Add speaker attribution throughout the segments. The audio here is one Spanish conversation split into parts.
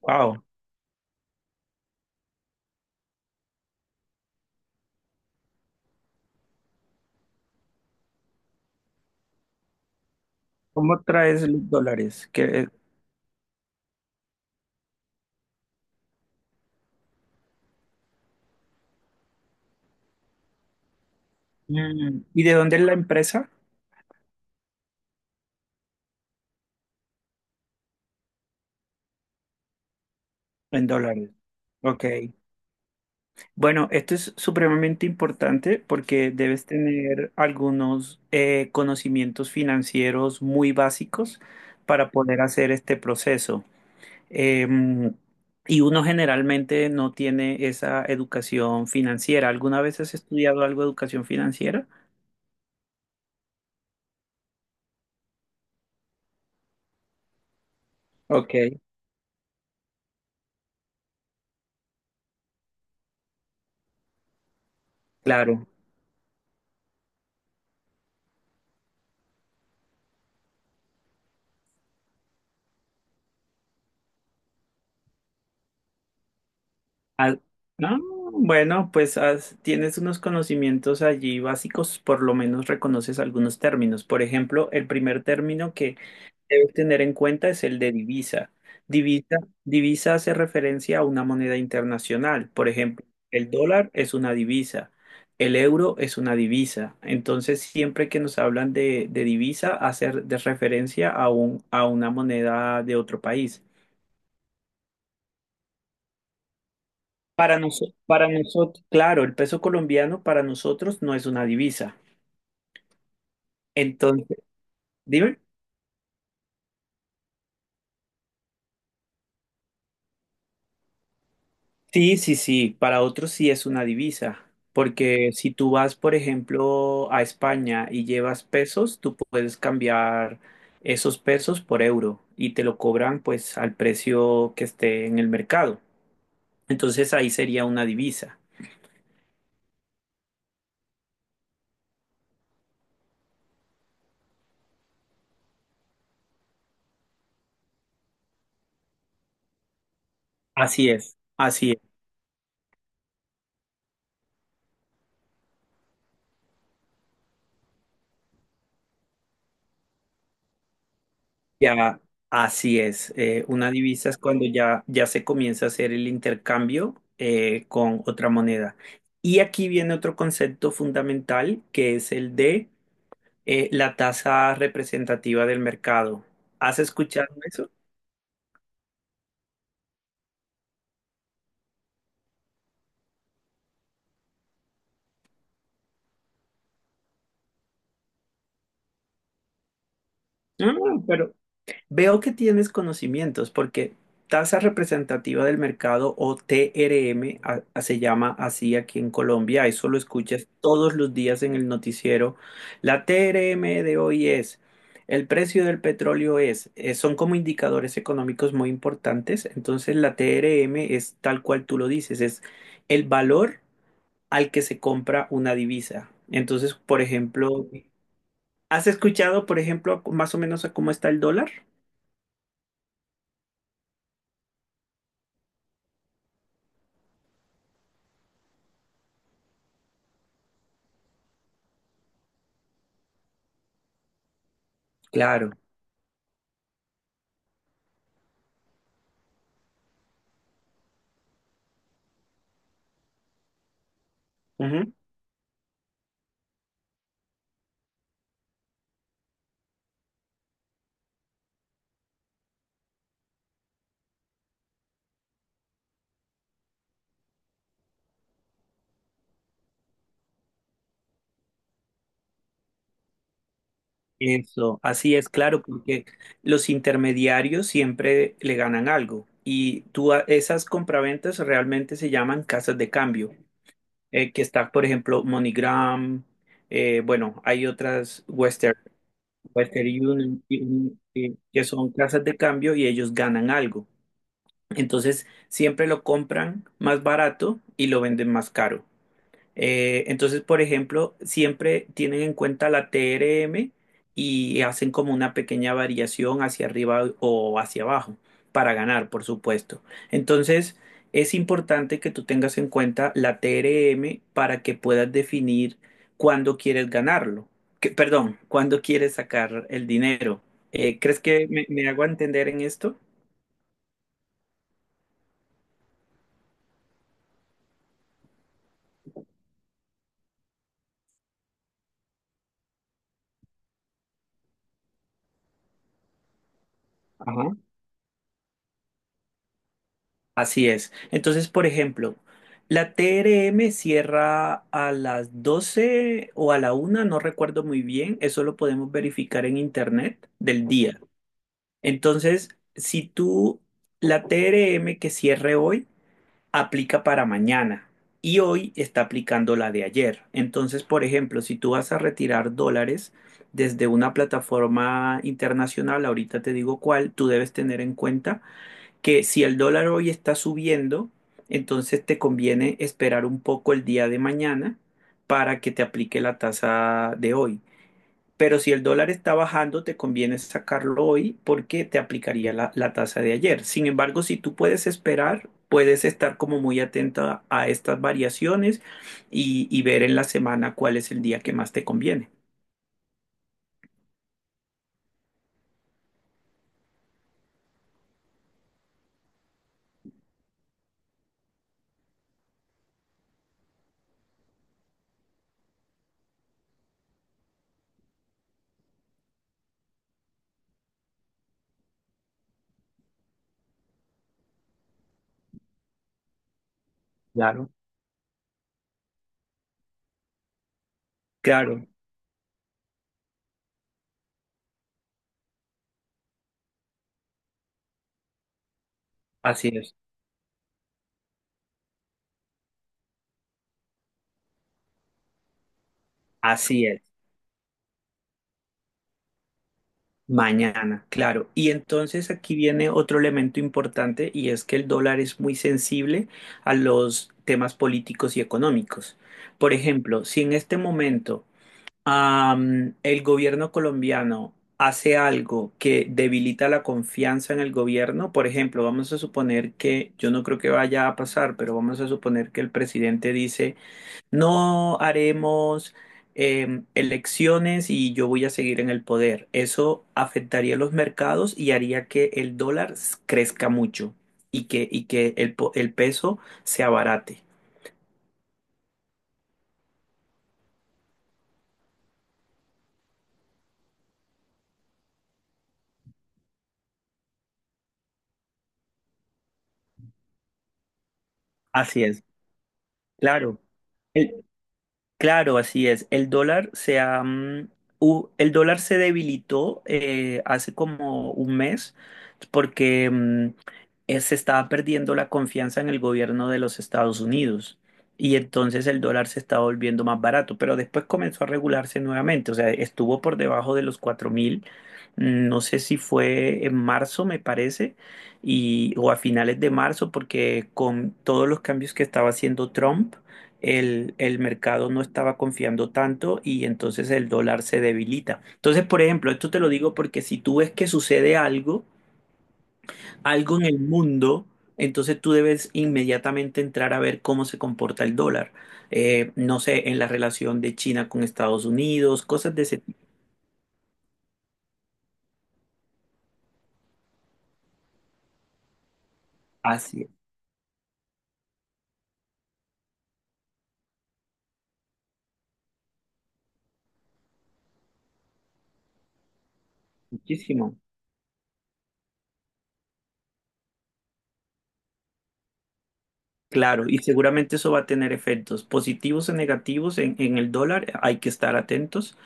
Speaker 1: Wow. ¿Cómo traes los dólares? ¿Y de dónde es la empresa? En dólares. Ok. Bueno, esto es supremamente importante porque debes tener algunos conocimientos financieros muy básicos para poder hacer este proceso. Em, y uno generalmente no tiene esa educación financiera. ¿Alguna vez has estudiado algo de educación financiera? Ok, claro. Ah, ah, bueno, pues tienes unos conocimientos allí básicos, por lo menos reconoces algunos términos. Por ejemplo, el primer término que debes tener en cuenta es el de divisa. Divisa, divisa hace referencia a una moneda internacional. Por ejemplo, el dólar es una divisa, el euro es una divisa. Entonces, siempre que nos hablan de divisa, hace de referencia a un, a una moneda de otro país. Para nosotros, claro, el peso colombiano para nosotros no es una divisa. Entonces, dime. Sí, sí, sí, para otros sí es una divisa, porque si tú vas, por ejemplo, a España y llevas pesos, tú puedes cambiar esos pesos por euro y te lo cobran pues al precio que esté en el mercado. Entonces ahí sería una divisa. Así es, así es. Ya, así es. Una divisa es cuando ya se comienza a hacer el intercambio con otra moneda. Y aquí viene otro concepto fundamental que es el de la tasa representativa del mercado. ¿Has escuchado eso? No, no, pero veo que tienes conocimientos porque tasa representativa del mercado o TRM se llama así aquí en Colombia, eso lo escuchas todos los días en el noticiero. La TRM de hoy es, el precio del petróleo es, son como indicadores económicos muy importantes, entonces la TRM es tal cual tú lo dices, es el valor al que se compra una divisa. Entonces, por ejemplo, ¿has escuchado, por ejemplo, más o menos a cómo está el dólar? Claro. Ujú. Eso, así es, claro, porque los intermediarios siempre le ganan algo y tú a- esas compraventas realmente se llaman casas de cambio, que está, por ejemplo, MoneyGram, bueno, hay otras Western Union que son casas de cambio y ellos ganan algo. Entonces, siempre lo compran más barato y lo venden más caro. Entonces, por ejemplo, siempre tienen en cuenta la TRM y hacen como una pequeña variación hacia arriba o hacia abajo para ganar, por supuesto. Entonces, es importante que tú tengas en cuenta la TRM para que puedas definir cuándo quieres ganarlo. Perdón, cuándo quieres sacar el dinero. ¿Crees que me hago entender en esto? Ajá. Así es. Entonces, por ejemplo, la TRM cierra a las 12 o a la 1, no recuerdo muy bien, eso lo podemos verificar en internet del día. Entonces, si tú, la TRM que cierre hoy aplica para mañana y hoy está aplicando la de ayer. Entonces, por ejemplo, si tú vas a retirar dólares desde una plataforma internacional, ahorita te digo cuál, tú debes tener en cuenta que si el dólar hoy está subiendo, entonces te conviene esperar un poco el día de mañana para que te aplique la tasa de hoy. Pero si el dólar está bajando, te conviene sacarlo hoy porque te aplicaría la, la tasa de ayer. Sin embargo, si tú puedes esperar, puedes estar como muy atenta a estas variaciones y ver en la semana cuál es el día que más te conviene. Claro. Claro, así es. Así es. Mañana, claro. Y entonces aquí viene otro elemento importante y es que el dólar es muy sensible a los temas políticos y económicos. Por ejemplo, si en este momento el gobierno colombiano hace algo que debilita la confianza en el gobierno, por ejemplo, vamos a suponer que, yo no creo que vaya a pasar, pero vamos a suponer que el presidente dice no haremos elecciones y yo voy a seguir en el poder. Eso afectaría los mercados y haría que el dólar crezca mucho y que, el peso se abarate. Así es, claro. El- Claro, así es. El dólar se ha, mm, hu- el dólar se debilitó hace como un mes porque se estaba perdiendo la confianza en el gobierno de los Estados Unidos y entonces el dólar se estaba volviendo más barato, pero después comenzó a regularse nuevamente, o sea, estuvo por debajo de los 4.000, no sé si fue en marzo, me parece, y, o a finales de marzo, porque con todos los cambios que estaba haciendo Trump, el mercado no estaba confiando tanto y entonces el dólar se debilita. Entonces, por ejemplo, esto te lo digo porque si tú ves que sucede algo, algo en el mundo, entonces tú debes inmediatamente entrar a ver cómo se comporta el dólar. No sé, en la relación de China con Estados Unidos, cosas de ese tipo. Así es, muchísimo. Claro, y seguramente eso va a tener efectos positivos o negativos en el dólar, hay que estar atentos.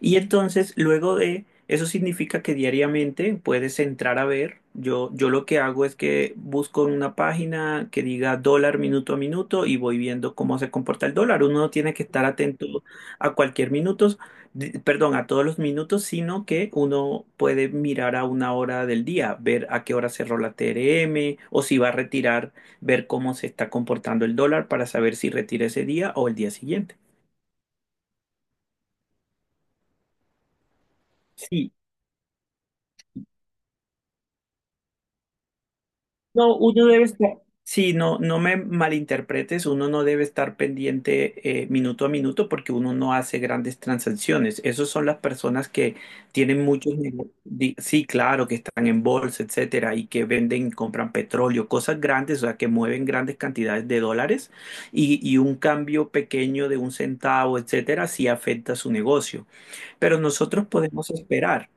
Speaker 1: Y entonces, luego de eso significa que diariamente puedes entrar a ver. Yo lo que hago es que busco en una página que diga dólar minuto a minuto y voy viendo cómo se comporta el dólar. Uno no tiene que estar atento a cualquier minuto, perdón, a todos los minutos, sino que uno puede mirar a una hora del día, ver a qué hora cerró la TRM o si va a retirar, ver cómo se está comportando el dólar para saber si retira ese día o el día siguiente. Sí, no, uno debe estar, sí, no, no me malinterpretes, uno no debe estar pendiente minuto a minuto porque uno no hace grandes transacciones. Esas son las personas que tienen muchos negocios, sí, claro, que están en bolsa, etcétera, y que venden, y compran petróleo, cosas grandes, o sea, que mueven grandes cantidades de dólares y un cambio pequeño de un centavo, etcétera, sí afecta su negocio. Pero nosotros podemos esperar,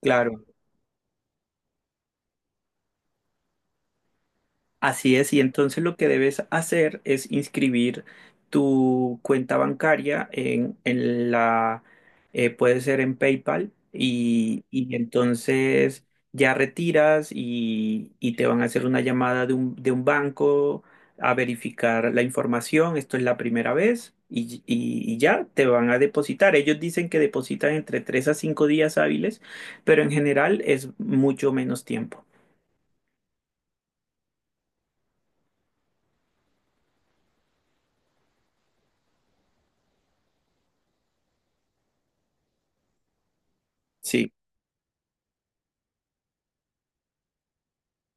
Speaker 1: claro. Así es, y entonces lo que debes hacer es inscribir tu cuenta bancaria en la, puede ser en PayPal, y entonces ya retiras y te van a hacer una llamada de un banco a verificar la información. Esto es la primera vez y ya te van a depositar. Ellos dicen que depositan entre 3 a 5 días hábiles, pero en general es mucho menos tiempo. Sí.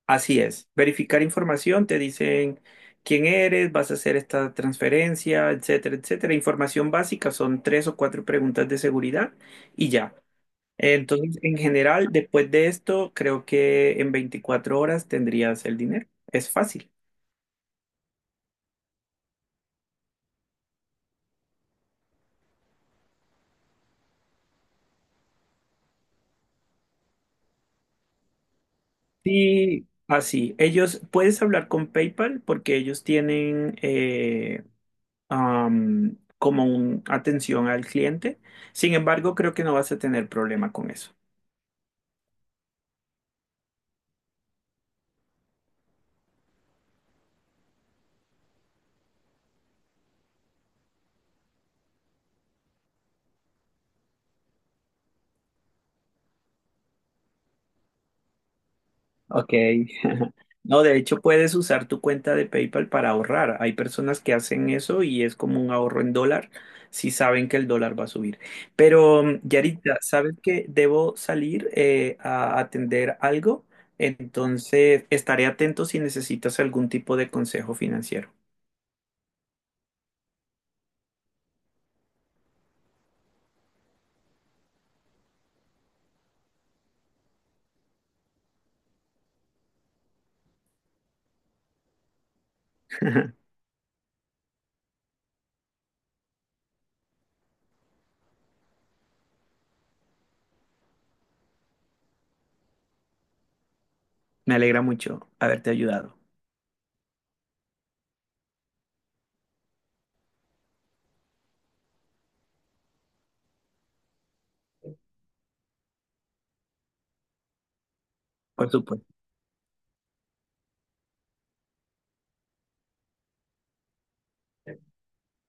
Speaker 1: Así es, verificar información, te dicen quién eres, vas a hacer esta transferencia, etcétera, etcétera. Información básica, son tres o cuatro preguntas de seguridad y ya. Entonces, en general, después de esto, creo que en 24 horas tendrías el dinero. Es fácil. Sí, así. Ellos, puedes hablar con PayPal porque ellos tienen como un atención al cliente. Sin embargo, creo que no vas a tener problema con eso. Ok. No, de hecho puedes usar tu cuenta de PayPal para ahorrar. Hay personas que hacen eso y es como un ahorro en dólar si saben que el dólar va a subir. Pero, Yaritza, ¿sabes que debo salir a atender algo? Entonces, estaré atento si necesitas algún tipo de consejo financiero. Me alegra mucho haberte ayudado, por supuesto.